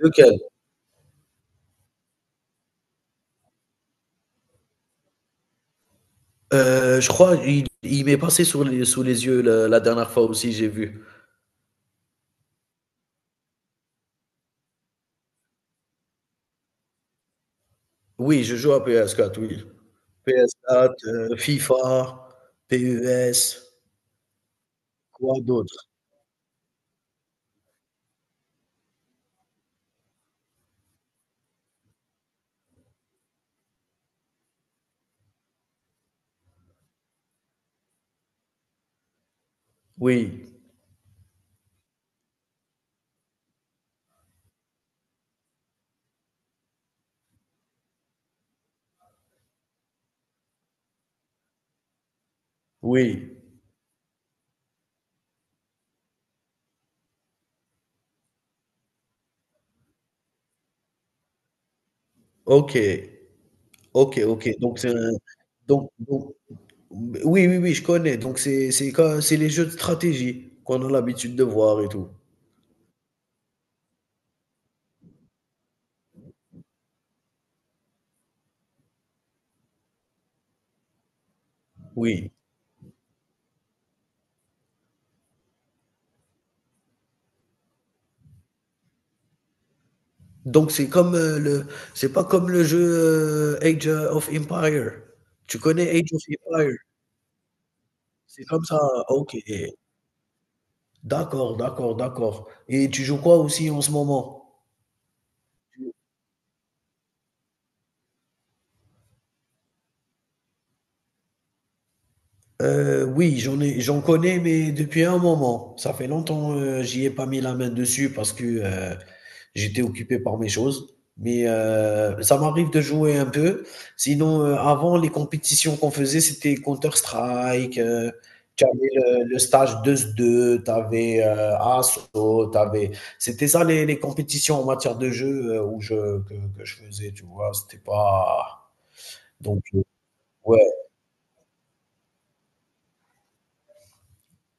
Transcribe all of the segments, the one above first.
Lequel? Je crois il m'est passé sous les yeux la dernière fois aussi, j'ai vu. Oui, je joue à PS4, oui. PS4, FIFA, PES, quoi d'autre? Oui, oui. OK. OK, OK. Donc c'est un donc oui, oui, oui, je connais. Donc c'est quand c'est les jeux de stratégie qu'on a l'habitude de voir et tout. Oui. Donc c'est comme c'est pas comme le jeu Age of Empire. Tu connais Age of Empire? C'est comme ça. OK. D'accord, d'accord, d'accord. Et tu joues quoi aussi en ce moment? Oui, j'en connais, mais depuis un moment. Ça fait longtemps, j'y ai pas mis la main dessus parce que j'étais occupé par mes choses. Mais ça m'arrive de jouer un peu. Sinon, avant, les compétitions qu'on faisait, c'était Counter-Strike. Tu avais le stage 2-2, tu avais Assaut, c'était ça les compétitions en matière de jeu, euh, où je, que je faisais, tu vois. C'était pas. Donc, ouais,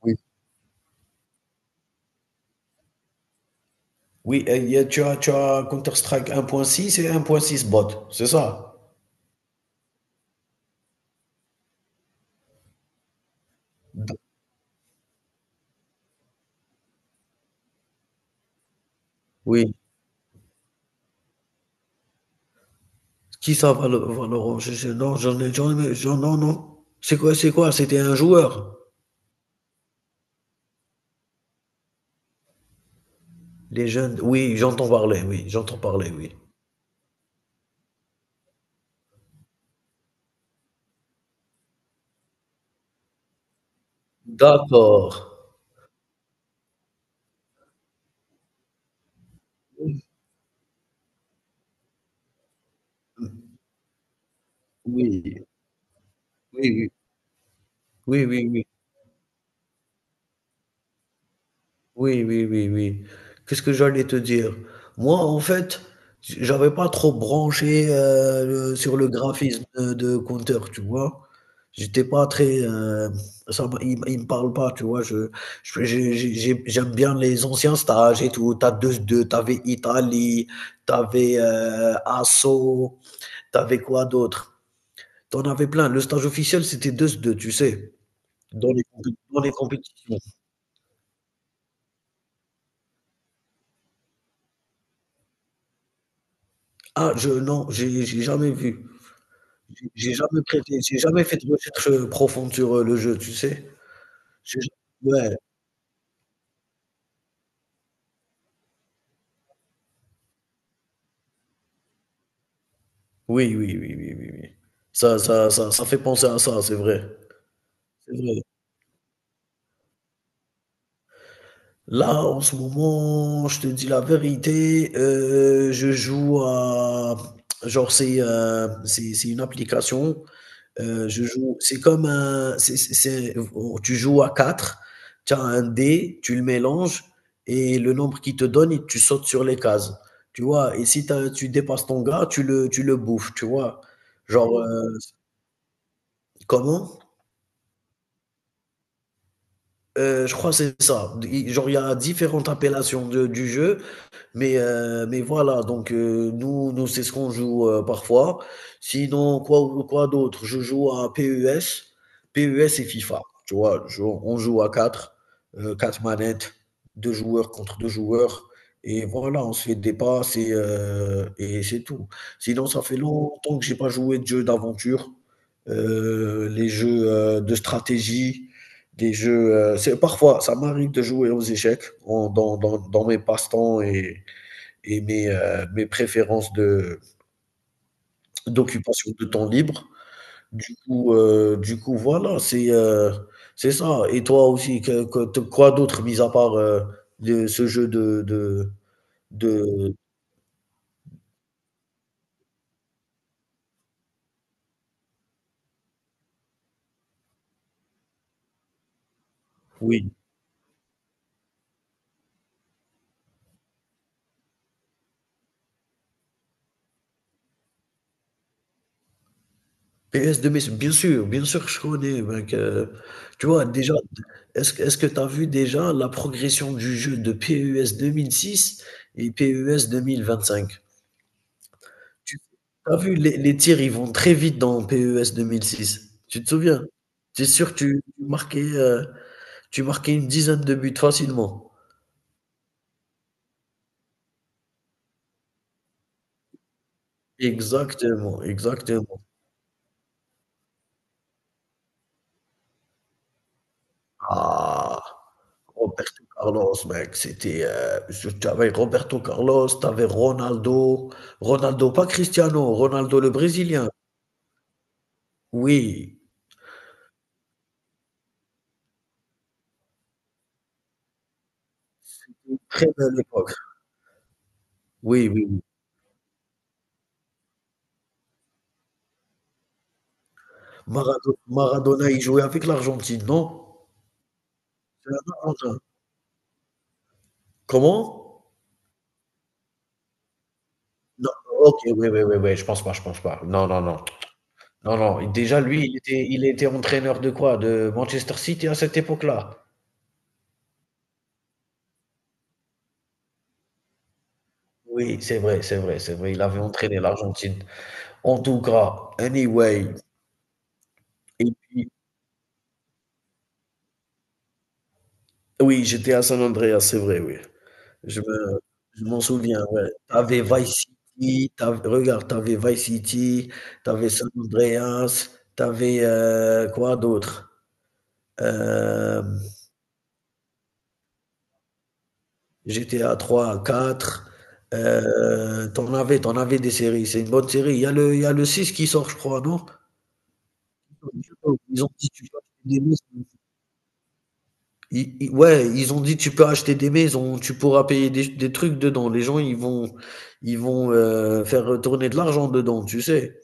oui. Oui, et tu as Counter-Strike 1.6 et 1.6 bot, c'est ça? D- Oui, qui ça, Valorant? Non, non, non. C'est quoi, c'est quoi? C'était un joueur. Les jeunes, oui, j'entends parler, oui, j'entends parler, oui. D'accord. Oui, oui, oui, oui, oui, oui. Oui, oui, oui, oui. Qu'est-ce que j'allais te dire? Moi, en fait, j'avais pas trop branché, sur le graphisme de Counter, tu vois. J'étais pas très. Il me parle pas, tu vois. J'aime bien les anciens stages et tout. T'as t'avais Italie, t'avais Asso, t'avais quoi d'autre? T'en avais plein. Le stage officiel, c'était deux. 2, tu sais, dans dans les compétitions. Ah, non, j'ai jamais vu. J'ai jamais fait de recherche, profonde sur le jeu, tu sais? J'ai ja Ouais. Oui, oui, oui, oui, oui, oui. Ça fait penser à ça, c'est vrai, c'est vrai. Là, en ce moment, je te dis la vérité, je joue à genre c'est une application. Je joue c'est comme un Tu joues à quatre, tu as un dé, tu le mélanges, et le nombre qu'il te donne, et tu sautes sur les cases, tu vois? Et si t'as tu dépasses ton gars, tu le bouffes, tu vois? Genre, heu Comment? Je crois que c'est ça. D Genre, il y a différentes appellations de du jeu. Mais voilà, donc nous nous, c'est ce qu'on joue, parfois. Sinon, quoi d'autre? Je joue à PES et FIFA, tu vois? Je On joue à quatre, 4 manettes, 2 joueurs contre 2 joueurs, et voilà, on se fait des passes, et c'est tout. Sinon, ça fait longtemps que j'ai pas joué de jeux d'aventure, les jeux, de stratégie, des jeux, c'est parfois, ça m'arrive de jouer aux échecs en dans dans dans mes passe-temps et mes préférences de d'occupation de temps libre. Du coup, voilà, c'est ça. Et toi aussi, que te quoi d'autre mis à part, de ce jeu de oui, PS2, mais bien sûr que je connais, mec, tu vois déjà, est-ce que tu as vu déjà la progression du jeu de PES 2006 et PES 2025? Tu as vu les tirs, ils vont très vite dans PES 2006. Tu te souviens? Tu sûr tu tu marquais, Tu marquais une dizaine de buts facilement. Exactement, exactement. Ah! Roberto Carlos, mec, tu avais Roberto Carlos, tu avais Ronaldo. Ronaldo, pas Cristiano, Ronaldo le brésilien. Oui, une très belle époque. Oui, oui, oui. Maradona, il jouait avec l'Argentine, non? C'est un Argentin. Comment? Non, OK, oui, oui, oui, oui, je pense pas, je pense pas. Non, non, non. Non, non, déjà lui, il était entraîneur de quoi? De Manchester City à cette époque-là? Oui, c'est vrai, c'est vrai, c'est vrai, il avait entraîné l'Argentine. En tout cas, anyway. Et puis oui, j'étais à San Andreas, c'est vrai, oui. Je me je m'en souviens, ouais. T'avais Vice City, tu regarde, t'avais Vice City, t'avais San Andreas, quoi d'autre? Euh, GTA 3, 4. T'en avais des séries. C'est une bonne série. Il y a le 6 qui sort, je crois, non? Ils ont dit, tu peux acheter des maisons. Ouais, ils ont dit, tu peux acheter des maisons, tu pourras payer des trucs dedans. Les gens, ils vont faire retourner de l'argent dedans, tu sais?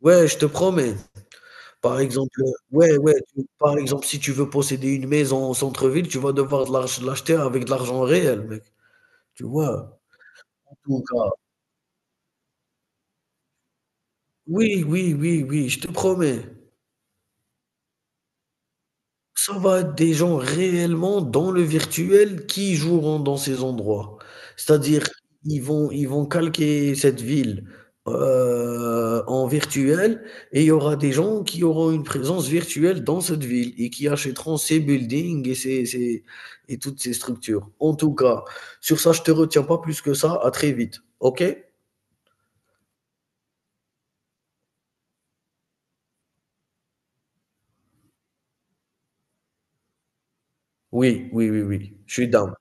Ouais, je te promets. Par exemple, ouais, ouais, si tu veux posséder une maison au centre-ville, tu vas devoir de l'arch l'acheter avec de l'argent réel, mec. Tu vois? En tout cas. Oui, oui, oui, oui, je te promets. Ça va être des gens réellement dans le virtuel qui joueront dans ces endroits. C'est-à-dire, ils vont calquer cette ville, en virtuel, et il y aura des gens qui auront une présence virtuelle dans cette ville et qui achèteront ces buildings et toutes ces structures. En tout cas, sur ça, je te retiens pas plus que ça. À très vite, OK? Oui, oui, oui, oui, je suis down.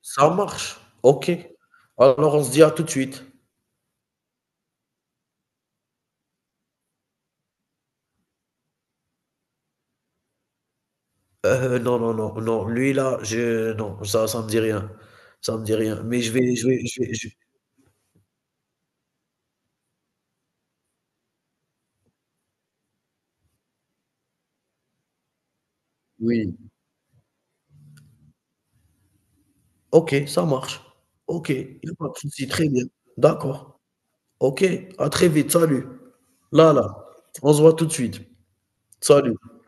Ça marche, OK. Alors on se dit à tout de suite. Non, non, non, non, lui là, je non, ça me dit rien, ça me dit rien, mais je vais je vais je vais je oui. OK, ça marche. OK, il y a pas de souci, très bien. D'accord. OK, à très vite, salut. Là, là, on se voit tout de suite. Salut.